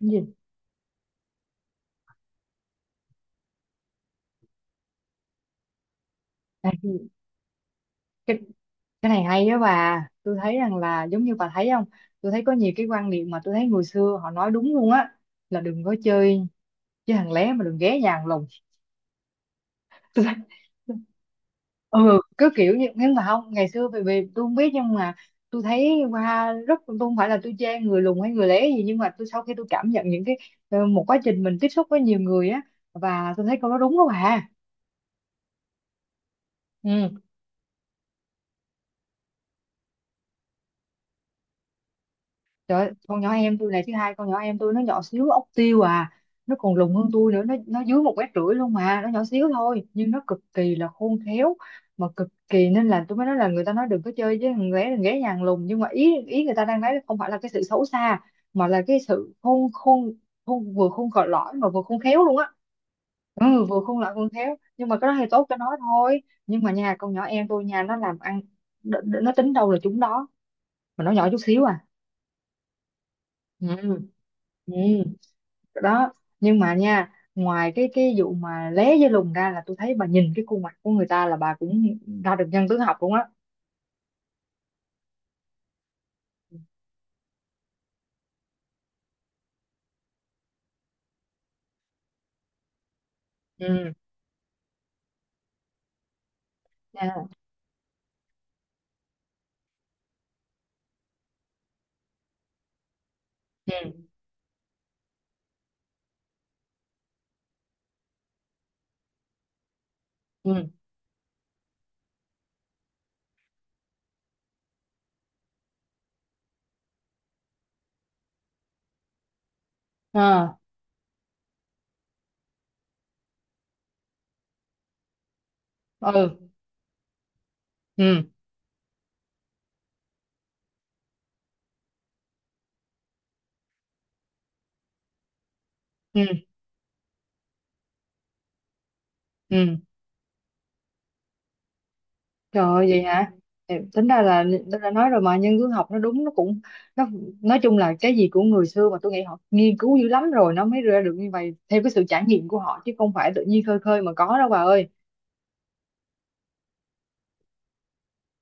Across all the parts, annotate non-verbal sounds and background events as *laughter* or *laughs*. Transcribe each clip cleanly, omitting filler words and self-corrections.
Cái gì? À, cái, cái này hay đó bà. Tôi thấy rằng là giống như bà thấy không? Tôi thấy có nhiều cái quan niệm mà tôi thấy người xưa họ nói đúng luôn á. Là đừng có chơi chơi thằng lé mà đừng ghé nhà thằng lùng. *laughs* Tôi thấy- ừ, cứ kiểu như, nhưng mà không, ngày xưa vì tôi không biết, nhưng mà tôi thấy qua rất, tôi không phải là tôi chê người lùn hay người lé gì, nhưng mà tôi sau khi tôi cảm nhận những cái, một quá trình mình tiếp xúc với nhiều người á, và tôi thấy câu đó đúng đó bà. Ừ. Trời ơi, con nhỏ em tôi này, thứ hai con nhỏ em tôi nó nhỏ xíu ốc tiêu à, nó còn lùn hơn tôi nữa, nó dưới 1,5 m luôn, mà nó nhỏ xíu thôi nhưng nó cực kỳ là khôn khéo, mà cực kỳ, nên là tôi mới nói là người ta nói đừng có chơi với thằng bé nhà hàng lùn, nhưng mà ý ý người ta đang nói không phải là cái sự xấu xa, mà là cái sự khôn khôn khôn, vừa khôn còi lõi mà vừa khôn khéo luôn á. Ừ, vừa khôn lại khôn khéo, nhưng mà cái đó thì tốt cho nó thôi, nhưng mà nhà con nhỏ em tôi nhà nó làm ăn, nó tính đâu là chúng đó, mà nó nhỏ chút xíu à. Ừ. Ừ. Đó. Nhưng mà nha, ngoài cái vụ mà lé với lùn ra, là tôi thấy bà nhìn cái khuôn mặt của người ta là bà cũng ra được nhân tướng học luôn á. Ừ. À, ừ. Ừ. À, Ừ. Ừ. Ừ. Ừ. Trời ơi, vậy hả? Ừ, tính ra là tôi đã nói rồi mà, nhân tướng học nó đúng, nó cũng, nó nói chung là cái gì của người xưa mà tôi nghĩ họ nghiên cứu dữ lắm rồi nó mới ra được như vậy, theo cái sự trải nghiệm của họ chứ không phải tự nhiên khơi khơi mà có đâu bà ơi.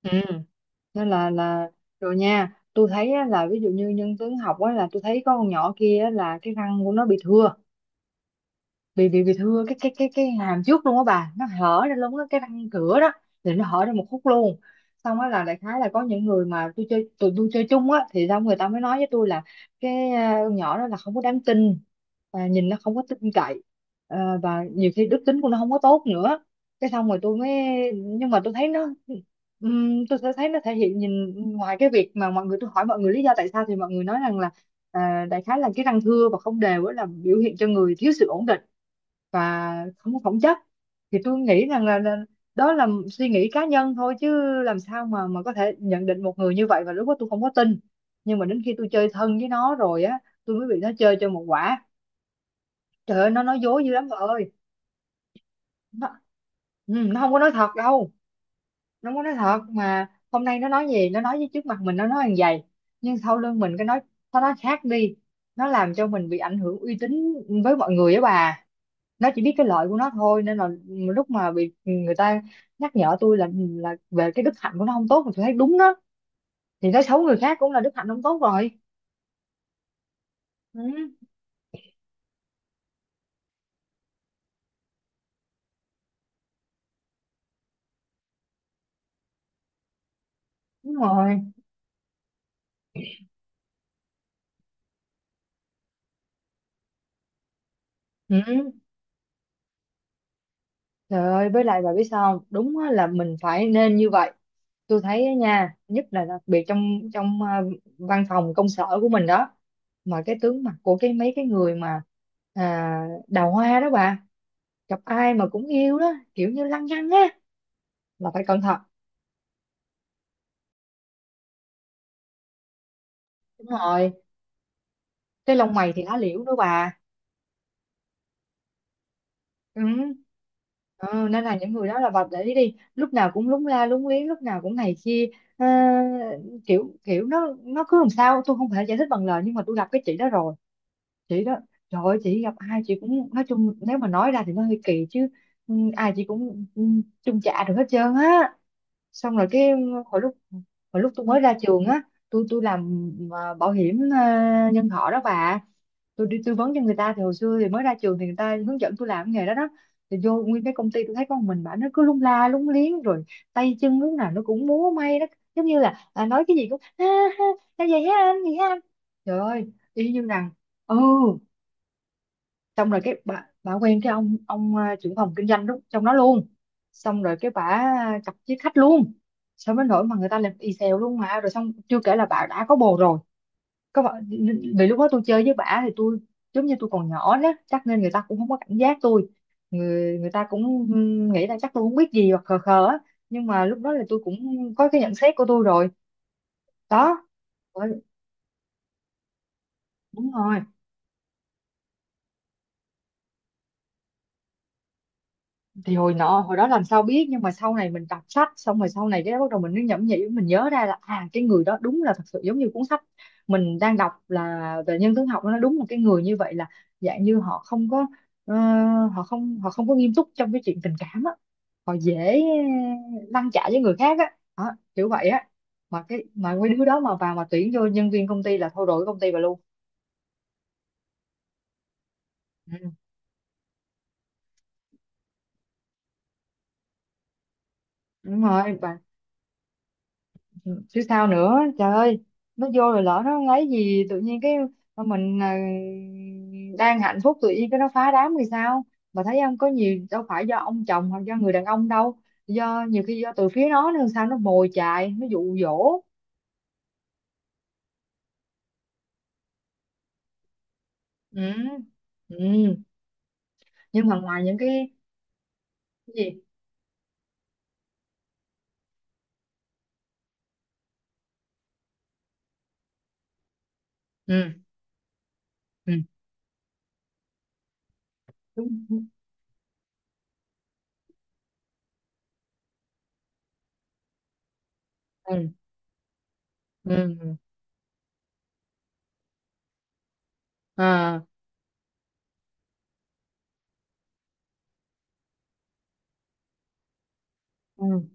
Ừ, nên là rồi nha. Tôi thấy á, là ví dụ như nhân tướng học á, là tôi thấy có con nhỏ kia á, là cái răng của nó bị thưa, bị thưa cái hàm trước luôn á bà, nó hở ra luôn á, cái răng cửa đó thì nó hở ra một khúc luôn. Xong á, là đại khái là có những người mà tôi chơi tụi tôi chơi chung á, thì xong người ta mới nói với tôi là, con nhỏ đó là không có đáng tin, và nhìn nó không có tin cậy. À, và nhiều khi đức tính của nó không có tốt nữa. Cái xong rồi tôi mới, nhưng mà tôi thấy nó, tôi sẽ thấy nó thể hiện, nhìn ngoài cái việc mà mọi người, tôi hỏi mọi người lý do tại sao thì mọi người nói rằng là, à, đại khái là cái răng thưa và không đều á là biểu hiện cho người thiếu sự ổn định và không có phẩm chất. Thì tôi nghĩ rằng là đó là suy nghĩ cá nhân thôi, chứ làm sao mà có thể nhận định một người như vậy, và lúc đó tôi không có tin. Nhưng mà đến khi tôi chơi thân với nó rồi á, tôi mới bị nó chơi cho một quả. Trời ơi, nó nói dối dữ lắm bà ơi. nó, nó không có nói thật đâu, nó không có nói thật. Mà hôm nay nó nói gì, nó nói với trước mặt mình nó nói hàng vậy, nhưng sau lưng mình cái nói, nó nói khác đi, nó làm cho mình bị ảnh hưởng uy tín với mọi người á bà. Nó chỉ biết cái lợi của nó thôi, nên là lúc mà bị người ta nhắc nhở tôi là về cái đức hạnh của nó không tốt, thì tôi thấy đúng đó, thì nói xấu người khác cũng là đức hạnh không tốt rồi. Ừ, đúng rồi. Ừ. Trời ơi, với lại bà biết sao không, đúng á, là mình phải nên như vậy. Tôi thấy á nha, nhất là đặc biệt trong trong à, văn phòng công sở của mình đó, mà cái tướng mặt của cái mấy cái người mà, à, đào hoa đó bà, gặp ai mà cũng yêu đó, kiểu như lăng nhăng á, là phải cẩn thận. Đúng rồi, cái lông mày thì lá liễu đó bà. Ừ. Ờ, nên là những người đó là bà để ý đi, lúc nào cũng lúng la lúng liếng, lúc nào cũng này kia. Ờ, kiểu kiểu nó cứ làm sao tôi không thể giải thích bằng lời, nhưng mà tôi gặp cái chị đó rồi. Chị đó, trời ơi, chị gặp ai chị cũng, nói chung nếu mà nói ra thì nó hơi kỳ chứ, ừ, ai chị cũng, chung chạ được hết trơn á. Xong rồi cái, hồi lúc hồi lúc tôi mới ra trường á, tôi làm bảo hiểm nhân thọ đó bà, tôi đi tư vấn cho người ta. Thì hồi xưa thì mới ra trường thì người ta hướng dẫn tôi làm cái nghề đó đó, thì vô nguyên cái công ty tôi thấy con mình bà, nó cứ lung la lung liếng rồi, tay chân lúc nào nó cũng múa may đó, giống như là à, nói cái gì cũng ha ha ha, vậy hả anh, vậy hả anh. Trời ơi, y như rằng. Ừ. Xong rồi cái bà quen cái ông à, trưởng phòng kinh doanh lúc trong đó luôn, xong rồi cái bà chọc với khách luôn, xong đến nỗi mà người ta làm y xèo luôn, mà rồi xong chưa kể là bà đã có bồ rồi, có vợ. Vì lúc đó tôi chơi với bả thì tôi, giống như tôi còn nhỏ đó chắc, nên người ta cũng không có cảnh giác tôi, người người ta cũng nghĩ là chắc tôi không biết gì, hoặc khờ khờ á. Nhưng mà lúc đó là tôi cũng có cái nhận xét của tôi rồi. Đó. Ôi, đúng rồi. Thì hồi nọ hồi đó làm sao biết, nhưng mà sau này mình đọc sách xong rồi, sau này cái bắt đầu mình mới nhẩm nhĩ, mình nhớ ra là à, cái người đó đúng là thật sự giống như cuốn sách mình đang đọc là về nhân tướng học, nó đúng là cái người như vậy, là dạng như họ không có, ờ, họ không có nghiêm túc trong cái chuyện tình cảm á, họ dễ lăn trả với người khác á. Đó, kiểu vậy á. Mà cái mà mấy đứa đó mà vào mà tuyển vô nhân viên công ty là thôi, đổi công ty bà luôn. Ừ. Đúng rồi bà, chứ sao nữa, trời ơi. Nó vô rồi lỡ nó lấy gì, tự nhiên cái mình à, đang hạnh phúc tự nhiên cái nó phá đám thì sao. Mà thấy không có nhiều đâu phải do ông chồng hoặc do người đàn ông đâu, do nhiều khi do từ phía nó nữa, sao nó mồi chài, nó dụ dỗ. Ừ. Ừ. Nhưng mà ngoài những cái gì? Ừ. Ừ. Ừ. Ừ. Ừ. À. Ừ.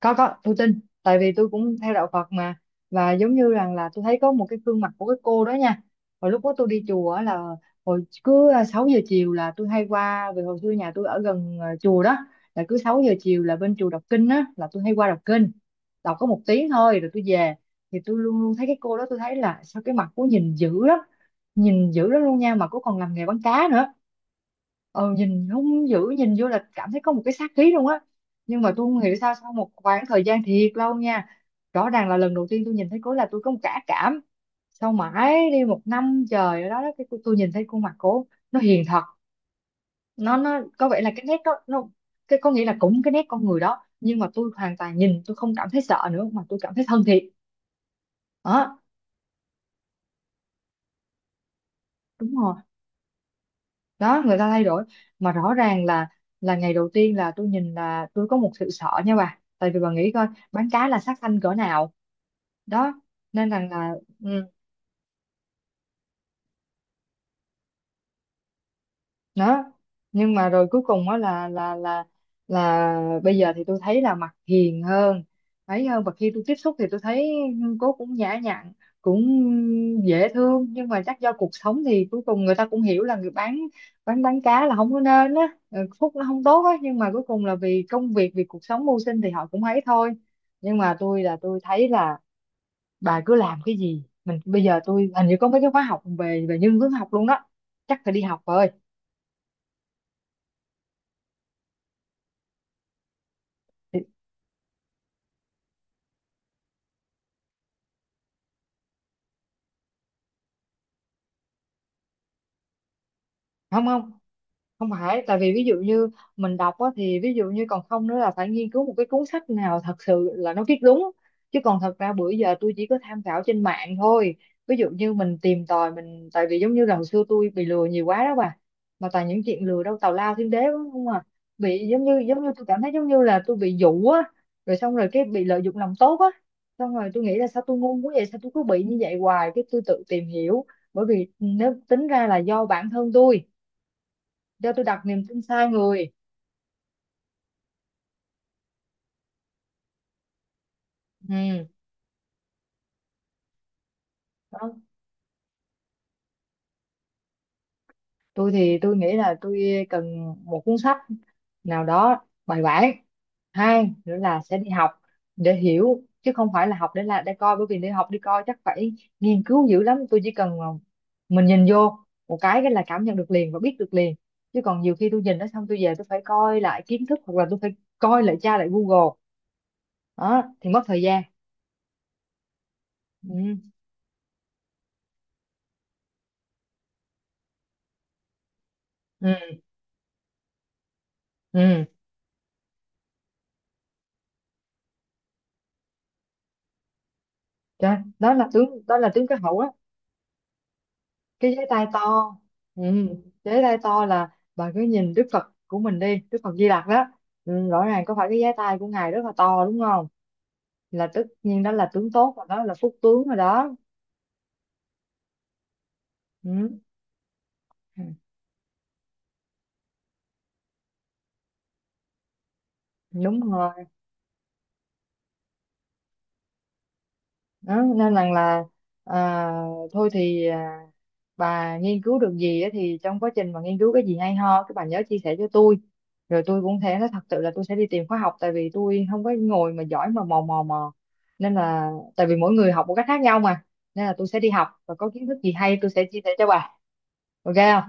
Có, tôi tin tại vì tôi cũng theo đạo Phật mà. Và giống như rằng là tôi thấy có một cái gương mặt của cái cô đó nha. Hồi lúc đó tôi đi chùa á, là hồi cứ 6 giờ chiều là tôi hay qua, vì hồi xưa nhà tôi ở gần chùa đó. Là cứ 6 giờ chiều là bên chùa đọc kinh á, là tôi hay qua đọc kinh. Đọc có một tiếng thôi rồi tôi về. Thì tôi luôn luôn thấy cái cô đó, tôi thấy là sao cái mặt cô nhìn dữ lắm. Nhìn dữ lắm luôn nha, mà cô còn làm nghề bán cá nữa. Nhìn hung dữ, nhìn vô là cảm thấy có một cái sát khí luôn á. Nhưng mà tôi không hiểu sao, sau một khoảng thời gian thiệt lâu nha, rõ ràng là lần đầu tiên tôi nhìn thấy cố là tôi có một cả cảm. Sau mãi đi một năm trời ở đó đó, cái tôi nhìn thấy khuôn mặt cố nó hiền thật. Nó có vẻ là cái nét đó nó... Cái có nghĩa là cũng cái nét con người đó, nhưng mà tôi hoàn toàn nhìn, tôi không cảm thấy sợ nữa mà tôi cảm thấy thân thiện. Đó. Đúng rồi. Đó, người ta thay đổi. Mà rõ ràng là ngày đầu tiên là tôi nhìn là tôi có một sự sợ nha bà, tại vì bà nghĩ coi, bán cá là sát sanh cỡ nào. Đó, nên rằng là ừ, đó, nhưng mà rồi cuối cùng đó là là bây giờ thì tôi thấy là mặt hiền hơn, ấy hơn, và khi tôi tiếp xúc thì tôi thấy cô cũng nhã nhặn, cũng dễ thương, nhưng mà chắc do cuộc sống thì cuối cùng người ta cũng hiểu là người bán, bán cá là không có nên á. Ừ, phúc nó không tốt á, nhưng mà cuối cùng là vì công việc, vì cuộc sống mưu sinh thì họ cũng ấy thôi. Nhưng mà tôi là tôi thấy là, bà cứ làm cái gì mình. Bây giờ tôi hình như có mấy cái khóa học về về nhân hướng học luôn đó. Chắc phải đi học rồi. Thì- Không, không, không phải, tại vì ví dụ như mình đọc á, thì ví dụ như còn không nữa là phải nghiên cứu một cái cuốn sách nào thật sự là nó viết đúng. Chứ còn thật ra bữa giờ tôi chỉ có tham khảo trên mạng thôi. Ví dụ như mình tìm tòi mình, tại vì giống như là hồi xưa tôi bị lừa nhiều quá đó bà. Mà toàn những chuyện lừa đâu tào lao thiên đế, đúng không à. Bị giống như tôi cảm thấy giống như là tôi bị dụ á, rồi xong rồi cái bị lợi dụng lòng tốt á. Xong rồi tôi nghĩ là sao tôi ngu quá vậy, sao tôi cứ bị như vậy hoài, cái tôi tự tìm hiểu. Bởi vì nếu tính ra là do bản thân tôi, do tôi đặt niềm tin sai người. Ừ. Đó. Tôi thì tôi nghĩ là tôi cần một cuốn sách nào đó bài bản. Hai nữa là sẽ đi học để hiểu, chứ không phải là học để là để coi, bởi vì để học đi coi chắc phải nghiên cứu dữ lắm. Tôi chỉ cần mà mình nhìn vô một cái là cảm nhận được liền và biết được liền. Chứ còn nhiều khi tôi nhìn nó xong, tôi về tôi phải coi lại kiến thức, hoặc là tôi phải coi lại, tra lại Google, đó thì mất thời gian. Ừ. Ừ. Ừ. Đó, đó là tướng, đó là tướng cái hậu đó. Cái giấy tay to. Ừ. Giấy tay to là bà cứ nhìn Đức Phật của mình đi, Đức Phật Di Lặc đó. Ừ. Rõ ràng có phải cái giấy tay của ngài rất là to, đúng không. Là tất nhiên đó là tướng tốt rồi, đó là phúc tướng rồi đó. Ừ. Đúng rồi. Đó, nên rằng là à, thôi thì bà nghiên cứu được gì á, thì trong quá trình mà nghiên cứu cái gì hay ho cái bà nhớ chia sẻ cho tôi. Rồi tôi cũng thế, thật sự là tôi sẽ đi tìm khóa học, tại vì tôi không có ngồi mà giỏi mà mò mò mò. Nên là tại vì mỗi người học một cách khác nhau mà. Nên là tôi sẽ đi học, và có kiến thức gì hay tôi sẽ chia sẻ cho bà. Ok không.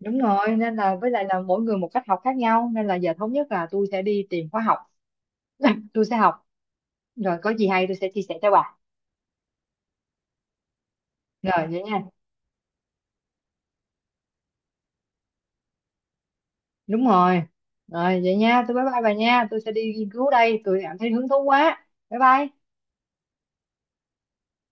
Đúng rồi, nên là với lại là mỗi người một cách học khác nhau, nên là giờ thống nhất là tôi sẽ đi tìm khóa học. *laughs* Tôi sẽ học, rồi có gì hay tôi sẽ chia sẻ cho bà. Rồi vậy nha. Đúng rồi. Rồi vậy nha, tôi bye bye bà nha, tôi sẽ đi nghiên cứu đây, tôi cảm thấy hứng thú quá, bye bye.